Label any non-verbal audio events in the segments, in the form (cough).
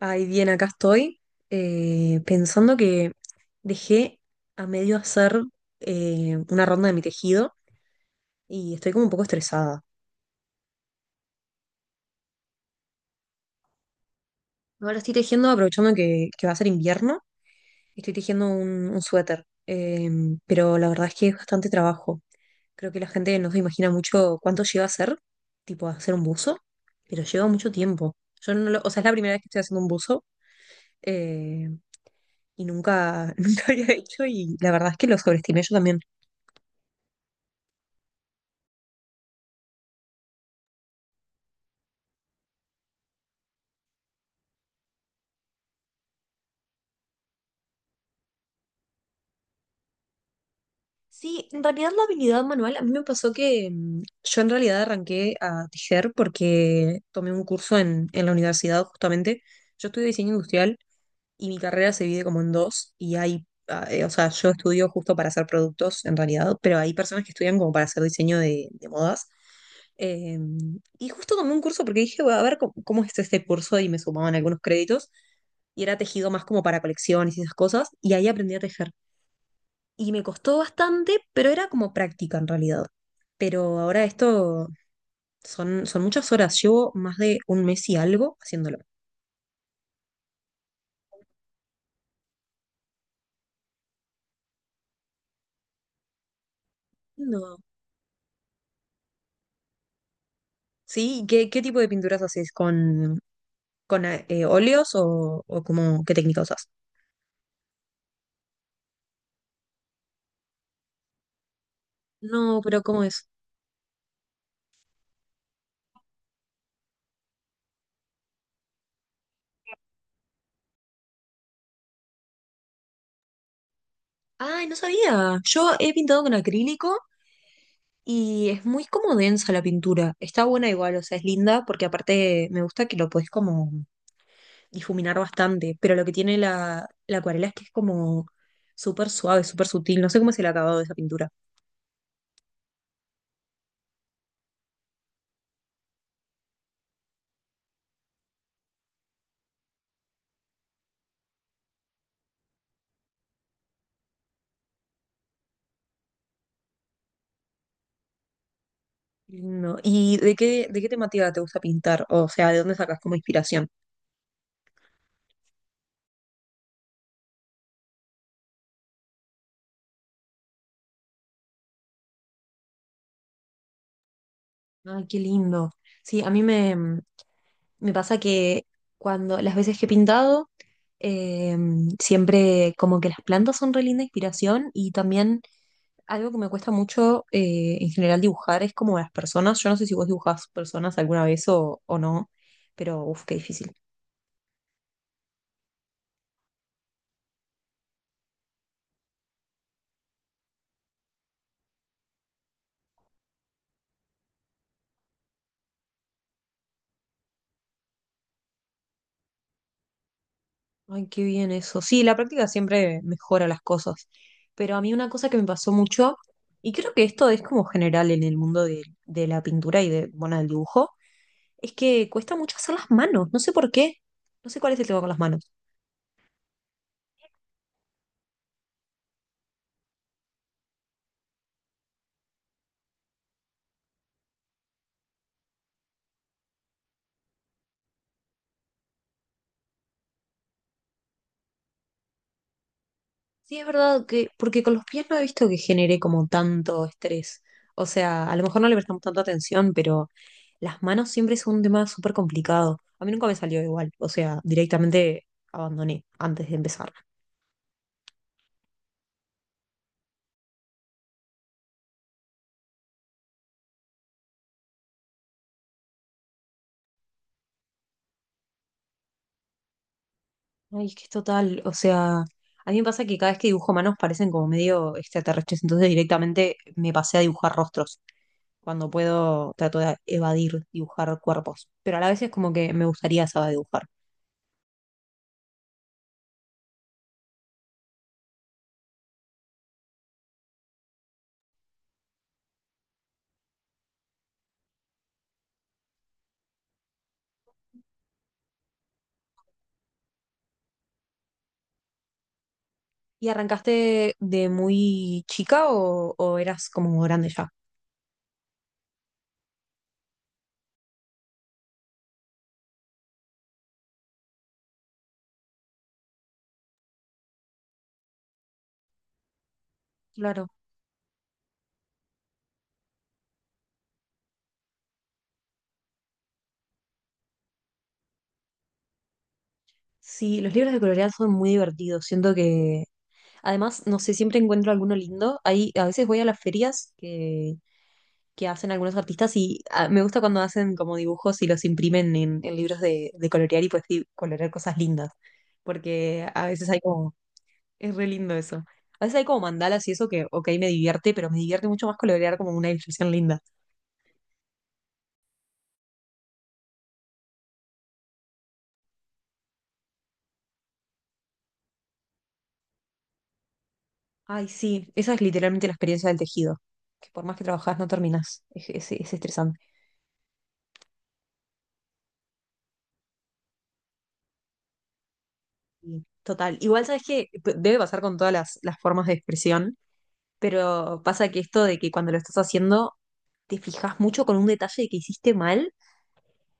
Ay, bien, acá estoy pensando que dejé a medio hacer una ronda de mi tejido y estoy como un poco estresada. Ahora estoy tejiendo, aprovechando que va a ser invierno, estoy tejiendo un suéter, pero la verdad es que es bastante trabajo. Creo que la gente no se imagina mucho cuánto lleva a hacer, tipo a hacer un buzo, pero lleva mucho tiempo. Yo no lo- O sea, es la primera vez que estoy haciendo un buzo eh, y nunca, (laughs) nunca había hecho y la verdad es que lo sobreestimé yo también. Sí, en realidad la habilidad manual, a mí me pasó que yo en realidad arranqué a tejer porque tomé un curso en la universidad justamente. Yo estudio diseño industrial y mi carrera se divide como en dos y o sea, yo estudio justo para hacer productos en realidad, pero hay personas que estudian como para hacer diseño de modas. Eh, y justo tomé un curso porque dije, voy a ver cómo es este curso y me sumaban algunos créditos y era tejido más como para colecciones y esas cosas y ahí aprendí a tejer y me costó bastante, pero era como práctica en realidad. Pero ahora esto son muchas horas, llevo más de un mes y algo haciéndolo. No. Sí, ¿qué tipo de pinturas haces? ¿Con óleos qué técnica usas? No, pero ¿cómo es? Ay, no sabía. Yo he pintado con acrílico y es muy como densa la pintura. Está buena igual, o sea, es linda porque aparte me gusta que lo puedes como difuminar bastante, pero lo que tiene la acuarela es que es como súper suave, súper sutil. No sé cómo es el acabado de esa pintura. Lindo. ¿Y de qué temática te gusta pintar? O sea, ¿de dónde sacas como inspiración? Ay, qué lindo. Sí, me pasa que cuando las veces que he pintado, eh, siempre como que las plantas son re linda inspiración y también algo que me cuesta mucho en general dibujar es como las personas. Yo no sé si vos dibujás personas alguna vez o no, pero uff, qué difícil. Ay, qué bien eso. Sí, la práctica siempre mejora las cosas, pero a mí una cosa que me pasó mucho, y creo que esto es como general en el mundo de la pintura y bueno, del dibujo es que cuesta mucho hacer las manos, no sé por qué, no sé cuál es el tema con las manos. Sí, es verdad que, porque con los pies no he visto que genere como tanto estrés. O sea, a lo mejor no le prestamos tanta atención, pero las manos siempre son un tema súper complicado. A mí nunca me salió igual, o sea, directamente abandoné antes de empezar. Ay, es que es total, o sea, a mí me pasa que cada vez que dibujo manos parecen como medio extraterrestres, entonces directamente me pasé a dibujar rostros. Cuando puedo, trato de evadir dibujar cuerpos, pero a la vez es como que me gustaría saber dibujar. ¿Y arrancaste de muy chica o eras como grande ya? Claro. Sí, los libros de colorear son muy divertidos. Siento que, además, no sé, siempre encuentro alguno lindo. Ahí, a veces voy a las ferias que hacen algunos artistas y me gusta cuando hacen como dibujos y los imprimen en libros de colorear y pues sí, colorear cosas lindas. Porque a veces hay como. Es re lindo eso. A veces hay como mandalas y eso que, ok, me divierte, pero me divierte mucho más colorear como una ilustración linda. Ay, sí, esa es literalmente la experiencia del tejido, que por más que trabajás no terminás. Es estresante. Y total. Igual sabes que debe pasar con todas las formas de expresión, pero pasa que esto de que cuando lo estás haciendo te fijas mucho con un detalle que hiciste mal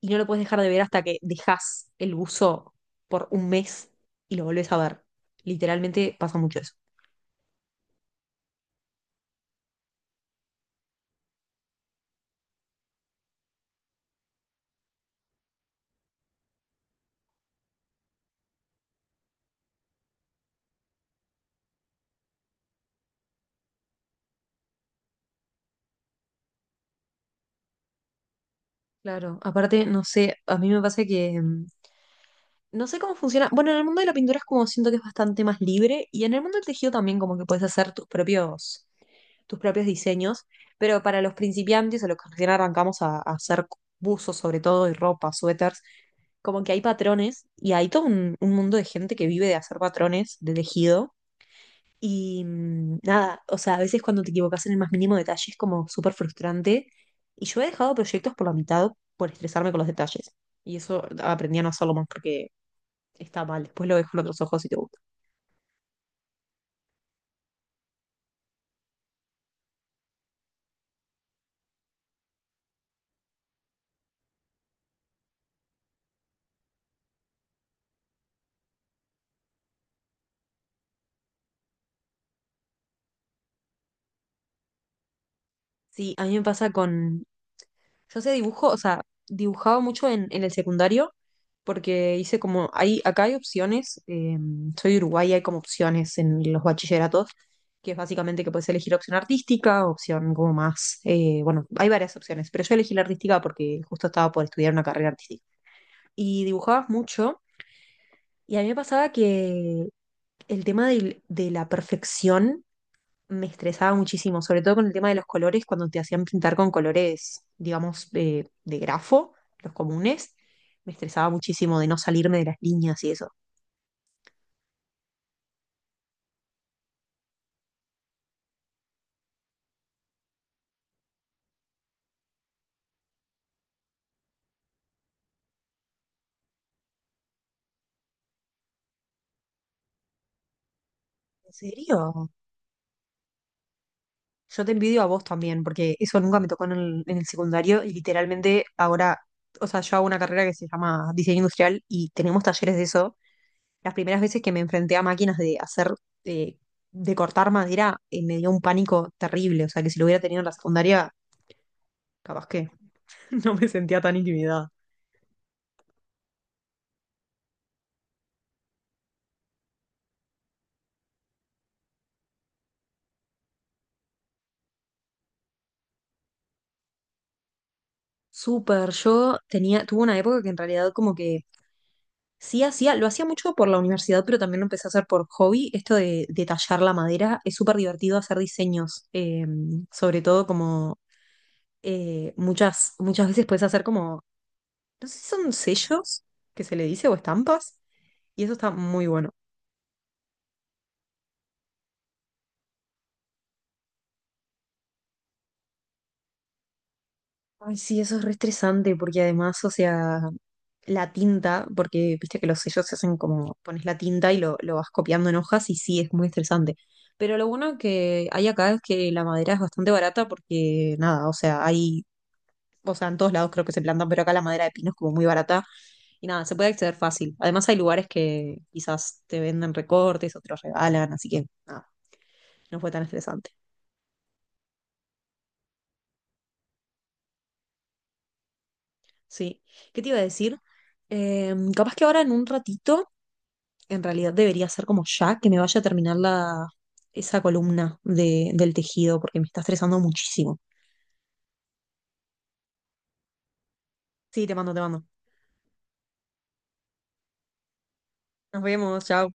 y no lo puedes dejar de ver hasta que dejas el buzo por un mes y lo volvés a ver. Literalmente pasa mucho eso. Claro, aparte, no sé, a mí me pasa que no sé cómo funciona. Bueno, en el mundo de la pintura es como siento que es bastante más libre y en el mundo del tejido también como que puedes hacer tus propios diseños, pero para los principiantes o los que recién arrancamos a hacer buzos sobre todo y ropa, suéteres, como que hay patrones y hay todo un mundo de gente que vive de hacer patrones de tejido y nada, o sea, a veces cuando te equivocas en el más mínimo detalle es como súper frustrante. Y yo he dejado proyectos por la mitad por estresarme con los detalles. Y eso aprendí a no hacerlo más porque está mal. Después lo dejo en otros ojos si te gusta. Sí, a mí me pasa con. Yo sé dibujo, o sea, dibujaba mucho en el secundario porque hice como, acá hay opciones, soy de Uruguay, hay como opciones en los bachilleratos, que es básicamente que puedes elegir opción artística, opción como más, bueno, hay varias opciones, pero yo elegí la artística porque justo estaba por estudiar una carrera artística. Y dibujabas mucho y a mí me pasaba que el tema de la perfección me estresaba muchísimo, sobre todo con el tema de los colores, cuando te hacían pintar con colores, digamos, de grafo, los comunes, me estresaba muchísimo de no salirme de las líneas y eso. ¿En serio? Yo te envidio a vos también, porque eso nunca me tocó en el secundario y literalmente ahora, o sea, yo hago una carrera que se llama diseño industrial y tenemos talleres de eso. Las primeras veces que me enfrenté a máquinas de hacer, eh, de cortar madera, me dio un pánico terrible. O sea, que si lo hubiera tenido en la secundaria, capaz que (laughs) no me sentía tan intimidada. Súper, yo tenía, tuve una época que en realidad como que sí hacía, lo hacía mucho por la universidad, pero también lo empecé a hacer por hobby. Esto de tallar la madera, es súper divertido hacer diseños, sobre todo como muchas veces puedes hacer como, no sé si son sellos que se le dice o estampas, y eso está muy bueno. Ay, sí, eso es re estresante porque además, o sea, la tinta, porque viste que los sellos se hacen como pones la tinta y lo vas copiando en hojas y sí, es muy estresante. Pero lo bueno que hay acá es que la madera es bastante barata porque nada, o sea, hay, o sea, en todos lados creo que se plantan, pero acá la madera de pino es como muy barata y nada, se puede acceder fácil. Además hay lugares que quizás te venden recortes, otros regalan, así que nada, no fue tan estresante. Sí. ¿Qué te iba a decir? Capaz que ahora en un ratito. En realidad debería ser como ya, que me vaya a terminar esa columna del tejido, porque me está estresando muchísimo. Sí, te mando, te mando. Nos vemos, chao.